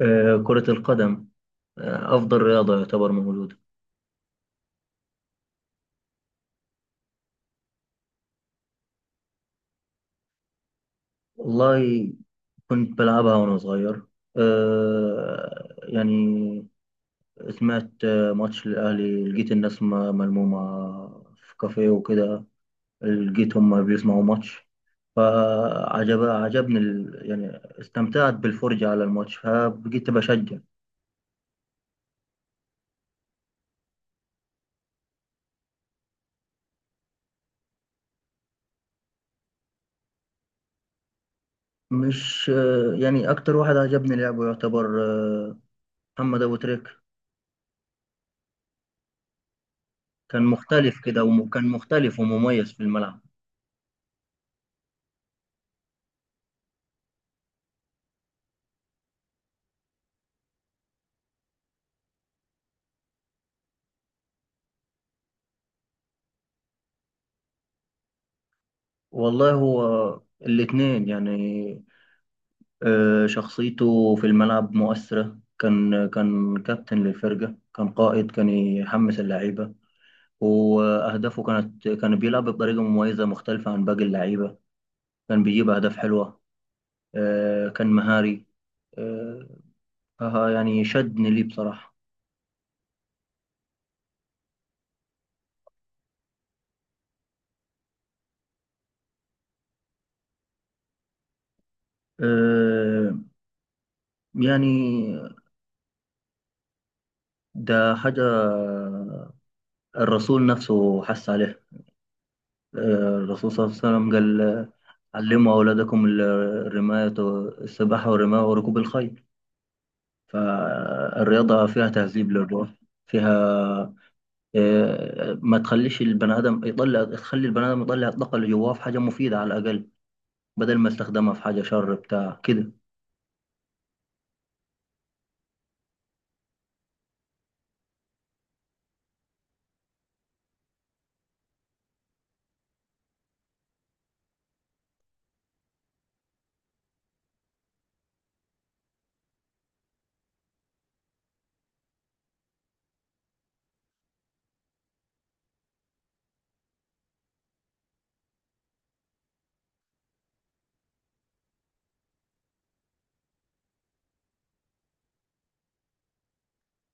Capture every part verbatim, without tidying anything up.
آه، كرة القدم. آه، أفضل رياضة يعتبر موجودة. والله، كنت بلعبها وأنا صغير. آه، يعني سمعت آه، ماتش الأهلي، لقيت الناس م- ملمومة في كافيه وكده، لقيت هم بيسمعوا ماتش. فعجب عجبني ال- يعني استمتعت بالفرجة على الماتش، فبقيت بشجع. مش آه، يعني أكتر واحد عجبني لعبه يعتبر آه، محمد أبو تريك. كان مختلف كده، وكان مختلف ومميز في الملعب. والله هو الاتنين يعني. آه، شخصيته في الملعب مؤثرة. كان كان كابتن للفرقة، كان قائد، كان يحمس اللعيبة. وأهدافه كانت كان بيلعب بطريقة مميزة مختلفة عن باقي اللعيبة، كان بيجيب أهداف حلوة. آه، كان مهاري. آه، فها يعني شدني ليه بصراحة. آه، يعني ده حاجة الرسول نفسه حس عليها. آه، الرسول صلى الله عليه وسلم قال: علموا أولادكم ال- الرماية، السباحة والرماية وركوب الخيل. فالرياضة فيها تهذيب للروح. فيها آه، ما تخليش البني آدم يطلع تخلي البني آدم يطلع الطاقة اللي جواه في حاجة مفيدة، على الأقل بدل ما يستخدمها في حاجة شر بتاع كده.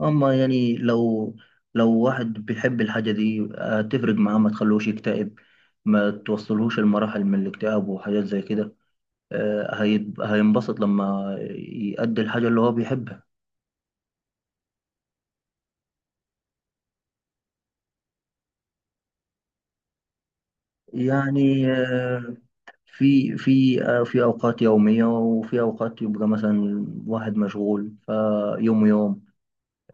أما يعني، لو لو واحد بيحب الحاجة دي هتفرق معاه، ما تخلوش يكتئب، ما توصلهوش المراحل من الاكتئاب وحاجات زي كده. آه، هيب- هينبسط لما يأدي الحاجة اللي هو بيحبها. يعني آه، في في آه، في أوقات يومية، وفي أوقات يبقى مثلا واحد مشغول فيوم يوم،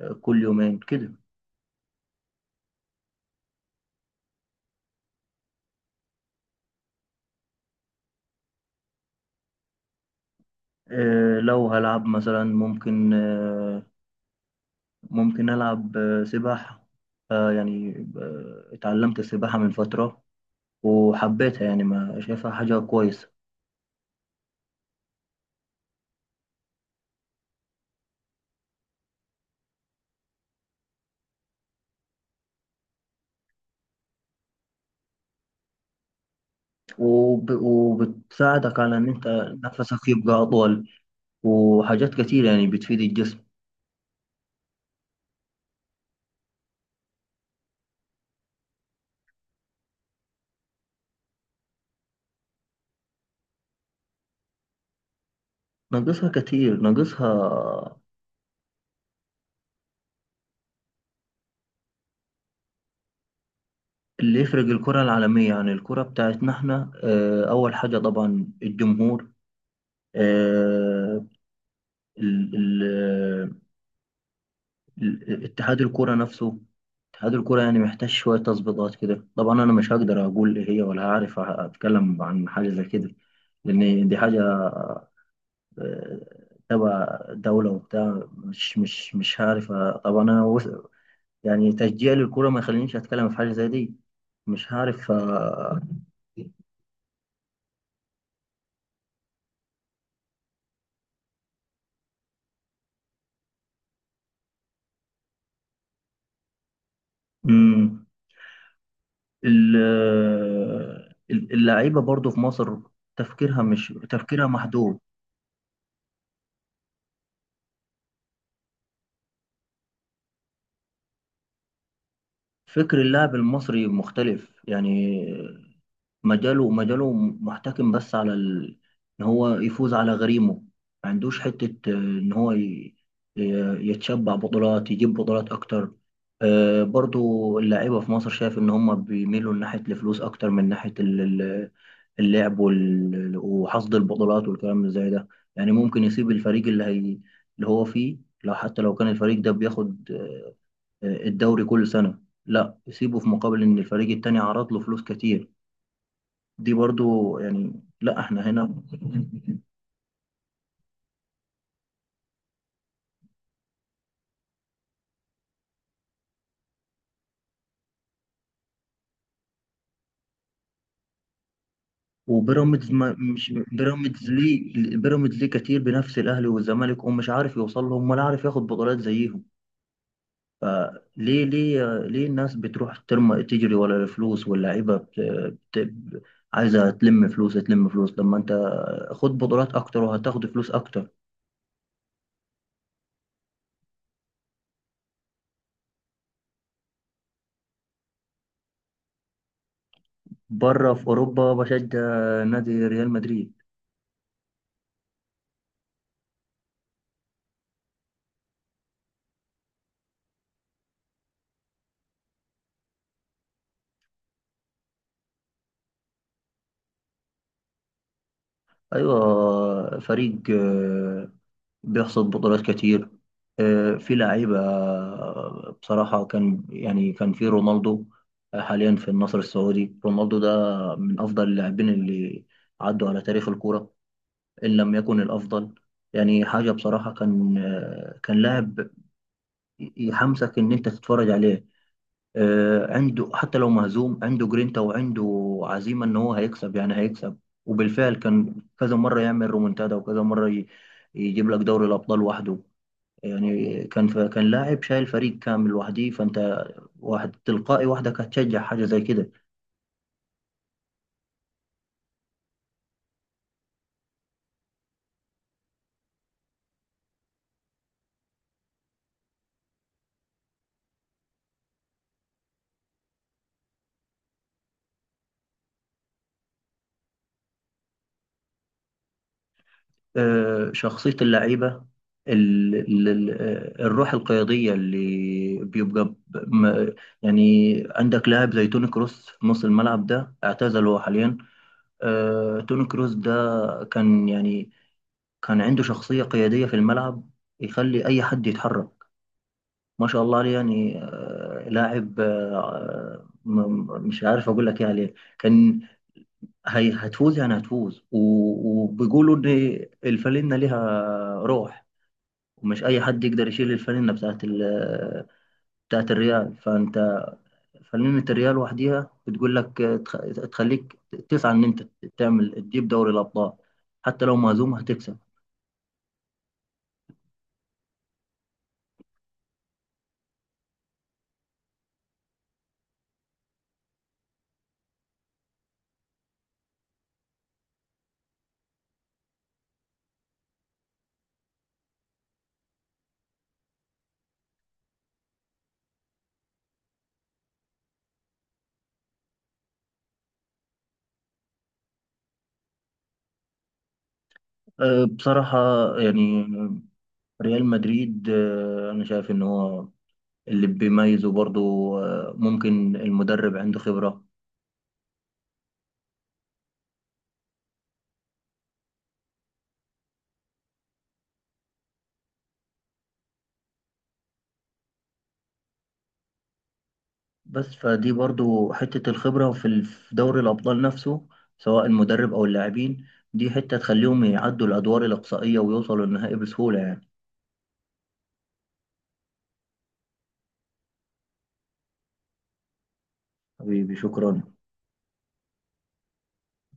آه، كل يومين كده. آه، لو هلعب مثلا ممكن، آه، ممكن ألعب آه، سباحة. آه، يعني آه، اتعلمت السباحة من فترة وحبيتها، يعني ما شايفها حاجة كويسة. وب- وبتساعدك على إن أنت نفسك يبقى أطول، وحاجات كتير يعني بتفيد الجسم. ناقصها كتير، ناقصها. اللي يفرق الكرة العالمية عن الكرة بتاعتنا احنا، آه، أول حاجة طبعا الجمهور. آه، ال- ال- ال- اتحاد الكرة نفسه. اتحاد الكرة يعني محتاج شوية تظبيطات كده. طبعا أنا مش هقدر أقول إيه هي، ولا هعرف أتكلم عن حاجة زي كده، لأن دي حاجة آه، تبع دولة وبتاع. مش مش مش هعرف أ- طبعا أنا وس- يعني تشجيع للكورة ما يخلينيش أتكلم في حاجة زي دي. مش هعرف. آه، مم. ال- آه، ال- اللعيبة برضو في مصر تفكيرها مش تفكيرها محدود. فكر اللاعب المصري مختلف يعني. مجاله مجاله محتكم بس على ال... ان هو يفوز على غريمه. ما عندوش حتة، آه، ان هو ي... ي- يتشبع بطولات، يجيب بطولات اكتر. آه، برضو اللعيبة في مصر، شايف ان هم بيميلوا ناحية الفلوس اكتر من ناحية ال- ال- اللعب وال... وحصد البطولات والكلام اللي زي ده. يعني ممكن يسيب الفريق اللي هي... اللي هو فيه. لو حتى لو كان الفريق ده بياخد آه، الدوري كل سنة، لا يسيبه في مقابل ان الفريق التاني عرض له فلوس كتير. دي برضو يعني. لا احنا هنا. وبيراميدز ما مش بيراميدز ليه، بيراميدز ليه كتير بنفس الاهلي والزمالك، ومش عارف يوصل لهم ولا عارف ياخد بطولات زيهم. فليه ليه ليه الناس بتروح ترمى تجري ولا الفلوس، واللعيبه بت... بت... عايزه تلم فلوس، تلم فلوس. لما انت خد بطولات اكتر، وهتاخد فلوس اكتر. بره في اوروبا بشجع نادي ريال مدريد. ايوه، فريق بيحصد بطولات كتير. آه، في لعيبة. آه، بصراحة، كان يعني كان في رونالدو. آه، حاليا في النصر السعودي رونالدو ده. من أفضل اللاعبين اللي عدوا على تاريخ الكورة، إن لم يكن الأفضل. يعني حاجة بصراحة، كان آه، كان لاعب يحمسك إن أنت تتفرج عليه. آه، عنده حتى لو مهزوم، عنده جرينتا وعنده عزيمة إن هو هيكسب، يعني هيكسب. وبالفعل كان كذا مرة يعمل رومنتادا، وكذا مرة ي- يجيب لك دوري الأبطال وحده. يعني كان كان لاعب شايل فريق كامل لوحده، فانت واحد تلقائي وحدك هتشجع حاجه زي كده. آه، شخصيه اللعيبه، ال- ال- ال- آه، الروح القياديه اللي بيبقى ب- م- يعني عندك لاعب زي توني كروس في نص الملعب. ده اعتزل هو حاليا. آه، توني كروس ده كان يعني كان عنده شخصيه قياديه في الملعب، يخلي اي حد يتحرك. ما شاء الله عليه، يعني آه، لاعب. آه، م- م- مش عارف اقول لك ايه عليه. كان هي هتفوز، يعني هتفوز. و- وبيقولوا ان الفالنة ليها روح، ومش اي حد يقدر يشيل الفالنة بتاعت ال- بتاعت الريال. فانت فالنة الريال وحديها بتقول لك، آه، تخ- تخليك تسعى ان انت تعمل تجيب دوري الابطال. حتى لو مهزوم هتكسب. آه، بصراحة يعني ريال مدريد، آه، انا شايف ان هو اللي بيميزه برضو، آه، ممكن المدرب عنده خبرة. بس فدي برضو حتة الخبرة في ال- في دوري الأبطال نفسه، سواء المدرب أو اللاعبين، دي حتة تخليهم يعدوا الأدوار الإقصائية ويوصلوا للنهائي بسهولة يعني. حبيبي، شكرا.